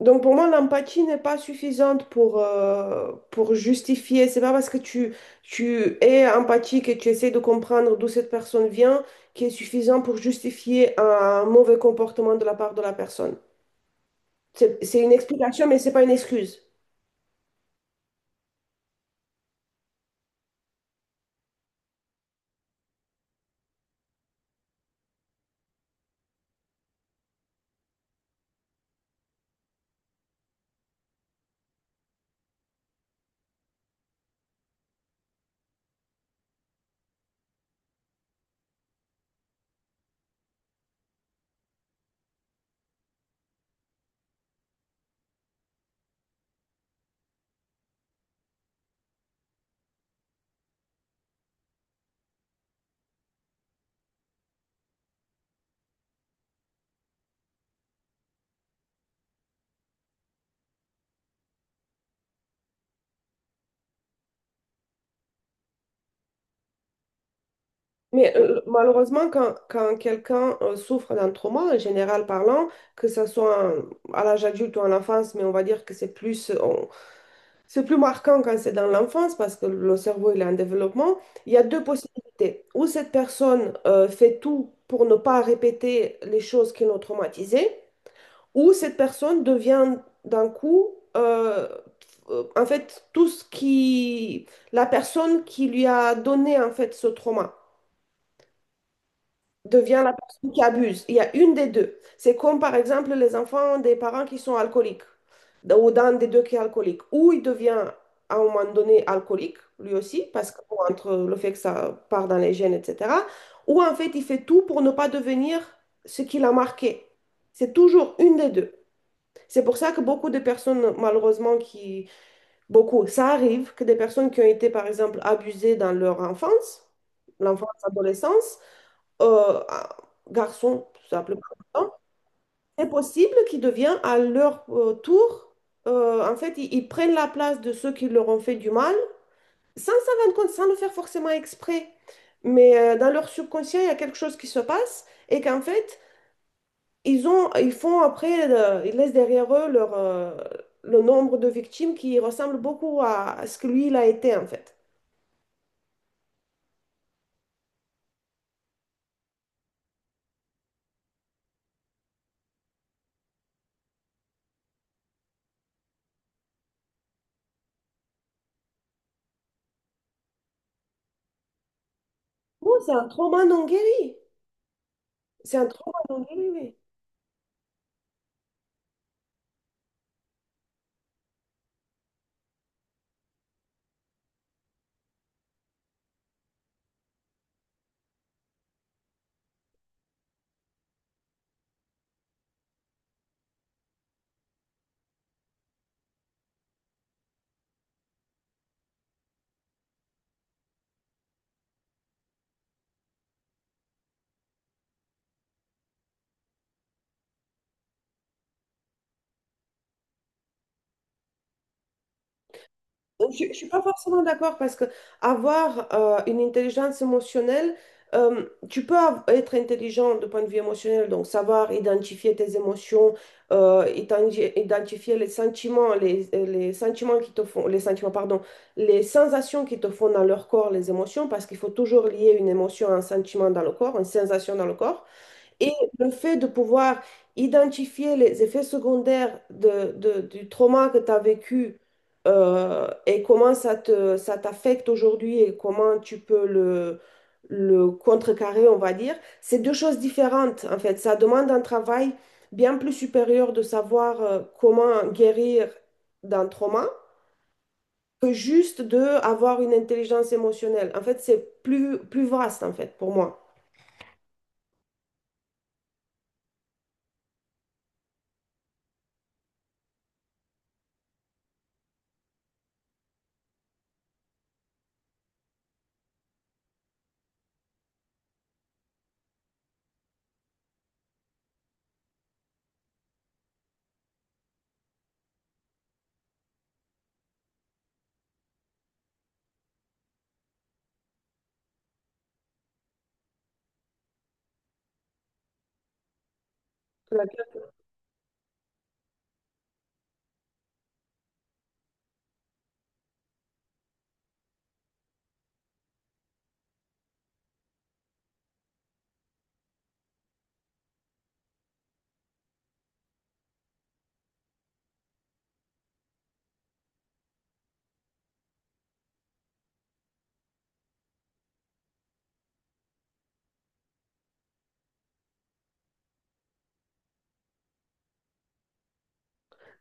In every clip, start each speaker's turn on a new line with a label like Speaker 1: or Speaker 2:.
Speaker 1: Donc pour moi, l'empathie n'est pas suffisante pour justifier. C'est pas parce que tu es empathique et tu essaies de comprendre d'où cette personne vient qui est suffisant pour justifier un mauvais comportement de la part de la personne. C'est une explication, mais c'est pas une excuse. Mais malheureusement, quand quelqu'un souffre d'un trauma, en général parlant, que ce soit à l'âge adulte ou en enfance, mais on va dire que c'est plus marquant quand c'est dans l'enfance parce que le cerveau il est en développement. Il y a deux possibilités. Ou cette personne fait tout pour ne pas répéter les choses qui l'ont traumatisée, ou cette personne devient d'un coup, en fait, la personne qui lui a donné en fait ce trauma devient la personne qui abuse. Il y a une des deux. C'est comme par exemple les enfants des parents qui sont alcooliques ou d'un des deux qui est alcoolique. Ou il devient à un moment donné alcoolique, lui aussi, parce que bon, entre le fait que ça part dans les gènes, etc. Ou en fait, il fait tout pour ne pas devenir ce qu'il a marqué. C'est toujours une des deux. C'est pour ça que beaucoup de personnes, malheureusement, qui... Beaucoup, ça arrive que des personnes qui ont été, par exemple, abusées dans leur enfance, l'enfance, l'adolescence, euh, à- garçons, tout simplement, hein, c'est possible qu'ils deviennent à leur tour, en fait, ils prennent la place de ceux qui leur ont fait du mal, sans s'en rendre compte, sans le faire forcément exprès. Mais dans leur subconscient, il y a quelque chose qui se passe et qu'en fait, ils font après, ils laissent derrière eux le nombre de victimes qui ressemble beaucoup à ce que lui, il a été, en fait. Non, c'est un trauma non guéri. C'est un trauma non guéri, oui. Je ne suis pas forcément d'accord parce que avoir une intelligence émotionnelle, euh, tu peux être intelligent de point de vue émotionnel, donc savoir identifier tes émotions, identifier les sentiments, les sentiments qui te font, les sentiments, pardon, les sensations qui te font dans leur corps, les émotions, parce qu'il faut toujours lier une émotion à un sentiment dans le corps, une sensation dans le corps. Et le fait de pouvoir identifier les effets secondaires du trauma que tu as vécu et comment ça t'affecte aujourd'hui et comment tu peux le contrecarrer, on va dire, c'est deux choses différentes en fait. Ça demande un travail bien plus supérieur de savoir comment guérir d'un trauma que juste de avoir une intelligence émotionnelle. En fait, c'est plus vaste en fait pour moi. Laquelle-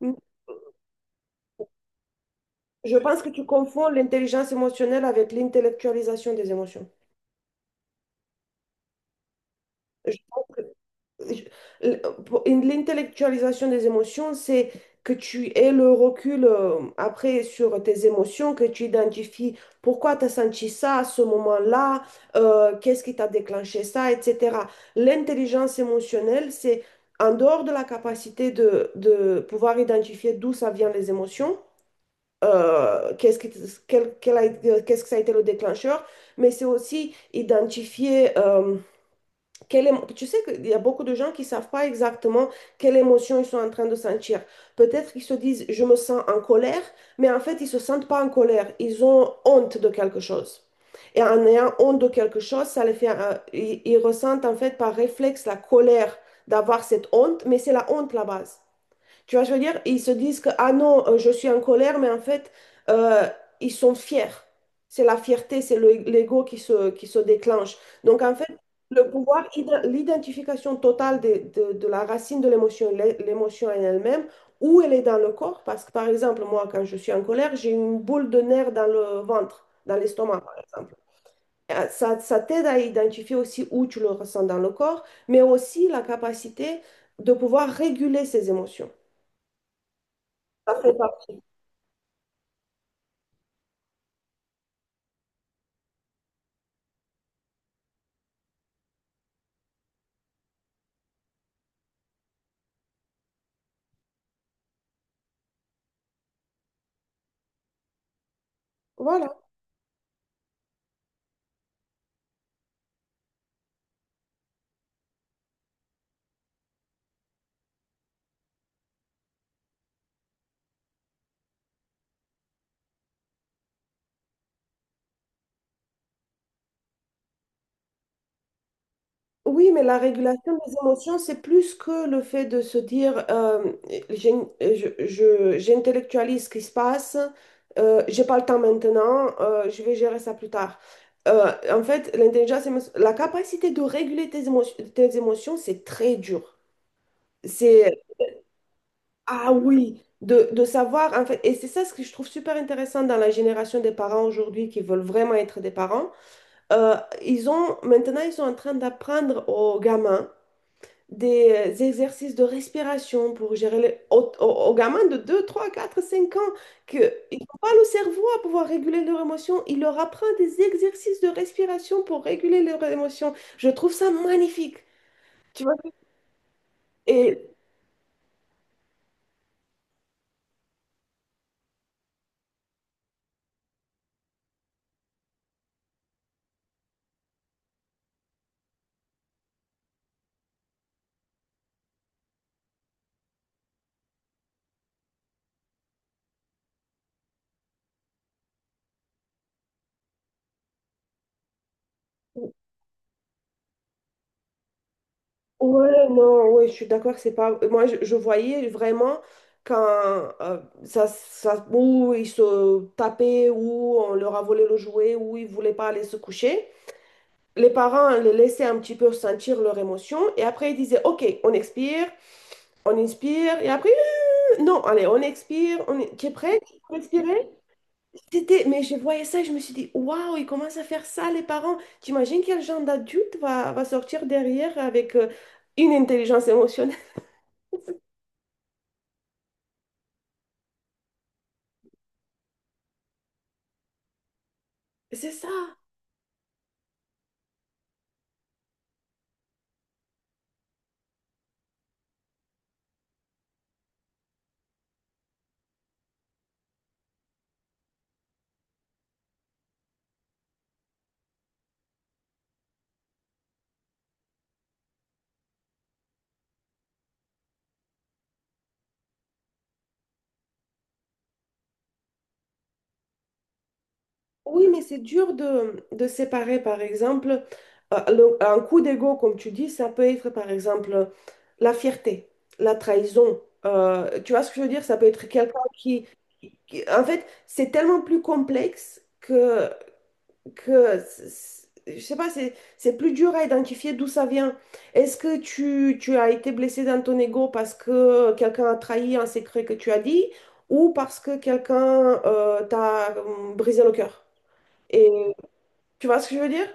Speaker 1: Mm. Je pense que tu confonds l'intelligence émotionnelle avec l'intellectualisation des émotions. L'intellectualisation des émotions, c'est que tu aies le recul après sur tes émotions, que tu identifies pourquoi tu as senti ça à ce moment-là, qu'est-ce qui t'a déclenché ça, etc. L'intelligence émotionnelle, c'est en dehors de la capacité de pouvoir identifier d'où ça vient les émotions, euh, qu'est-ce qui- qu'est-ce que ça a été le déclencheur, mais c'est aussi identifier... Tu sais qu'il y a beaucoup de gens qui ne savent pas exactement quelle émotion ils sont en train de sentir. Peut-être qu'ils se disent, je me sens en colère, mais en fait, ils ne se sentent pas en colère. Ils ont honte de quelque chose. Et en ayant honte de quelque chose, ça les fait, ils ressentent en fait par réflexe la colère d'avoir cette honte, mais c'est la honte la base. Tu vois, je veux dire, ils se disent que, ah non, je suis en colère, mais en fait, euh, ils sont fiers. C'est la fierté, c'est l'ego qui se déclenche. Donc, en fait, l'identification totale de la racine de l'émotion, l'émotion en elle-même, où elle est dans le corps. Parce que, par exemple, moi, quand je suis en colère, j'ai une boule de nerfs dans le ventre, dans l'estomac, par exemple. Ça, ça t'aide à identifier aussi où tu le ressens dans le corps, mais aussi la capacité de pouvoir réguler ses émotions. Ça fait partie. Voilà. Oui, mais la régulation des émotions, c'est plus que le fait de se dire j'ai- j'intellectualise ce qui se passe, j'ai pas le temps maintenant, je vais gérer ça plus tard. En fait, la capacité de réguler tes émotions, c'est très dur. C'est, ah oui, de savoir, en fait, et c'est ça ce que je trouve super intéressant dans la génération des parents aujourd'hui qui veulent vraiment être des parents. Euh, Maintenant, ils sont en train d'apprendre aux gamins des exercices de respiration pour gérer les, aux, aux- aux gamins de 2 3 4 5 ans qu'ils n'ont pas le cerveau à pouvoir réguler leurs émotions. Ils leur apprennent des exercices de respiration pour réguler leurs émotions. Je trouve ça magnifique. Tu vois, et ouais, non, ouais, je suis d'accord que c'est pas. Moi, je voyais vraiment quand euh, ça, ça, où ils se tapaient, où on leur a volé le jouet, où ils voulaient pas aller se coucher. Les parents les laissaient un petit peu sentir leur émotion et après ils disaient, OK, on expire, on inspire et après, non, allez, on expire, on... Tu es prêt? Tu peux expirer? C'était... Mais je voyais ça et je me suis dit, waouh, ils commencent à faire ça, les parents. T'imagines quel genre d'adulte va sortir derrière avec une intelligence émotionnelle? C'est ça. Oui, mais c'est dur de séparer, par exemple, un coup d'ego, comme tu dis, ça peut être, par exemple, la fierté, la trahison. Tu vois ce que je veux dire? Ça peut être En fait, c'est tellement plus complexe que je sais pas, c'est plus dur à identifier d'où ça vient. Est-ce que tu as été blessé dans ton ego parce que quelqu'un a trahi un secret que tu as dit ou parce que quelqu'un t'a brisé le cœur? Et tu vois ce que je veux dire?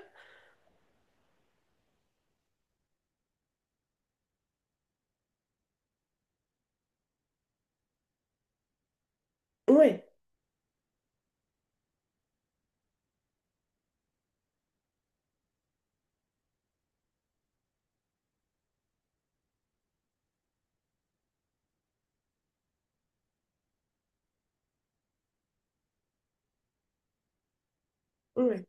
Speaker 1: Oui, oui.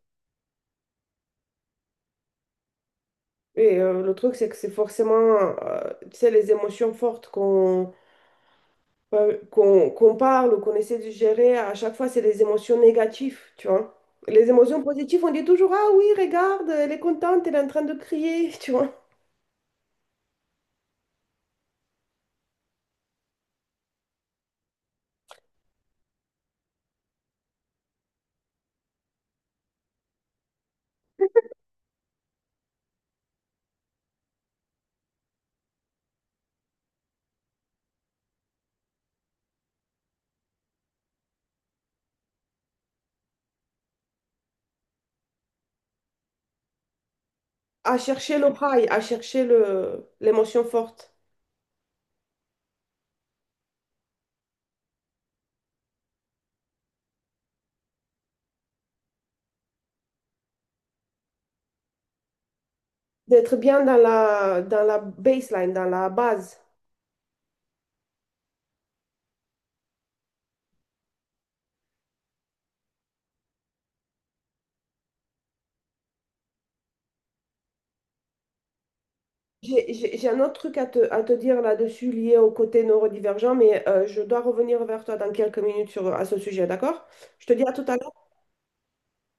Speaker 1: Et le truc, c'est que c'est forcément, tu sais, les émotions fortes qu'on ouais, qu'on parle ou qu'on essaie de gérer, à chaque fois, c'est les émotions négatives, tu vois. Les émotions positives, on dit toujours, ah oui, regarde, elle est contente, elle est en train de crier, tu vois. À chercher le high, à chercher l'émotion forte. D'être bien dans la baseline, dans la base. J'ai un autre truc à te, dire là-dessus lié au côté neurodivergent, mais je dois revenir vers toi dans quelques minutes sur, à ce sujet, d'accord? Je te dis à tout à l'heure.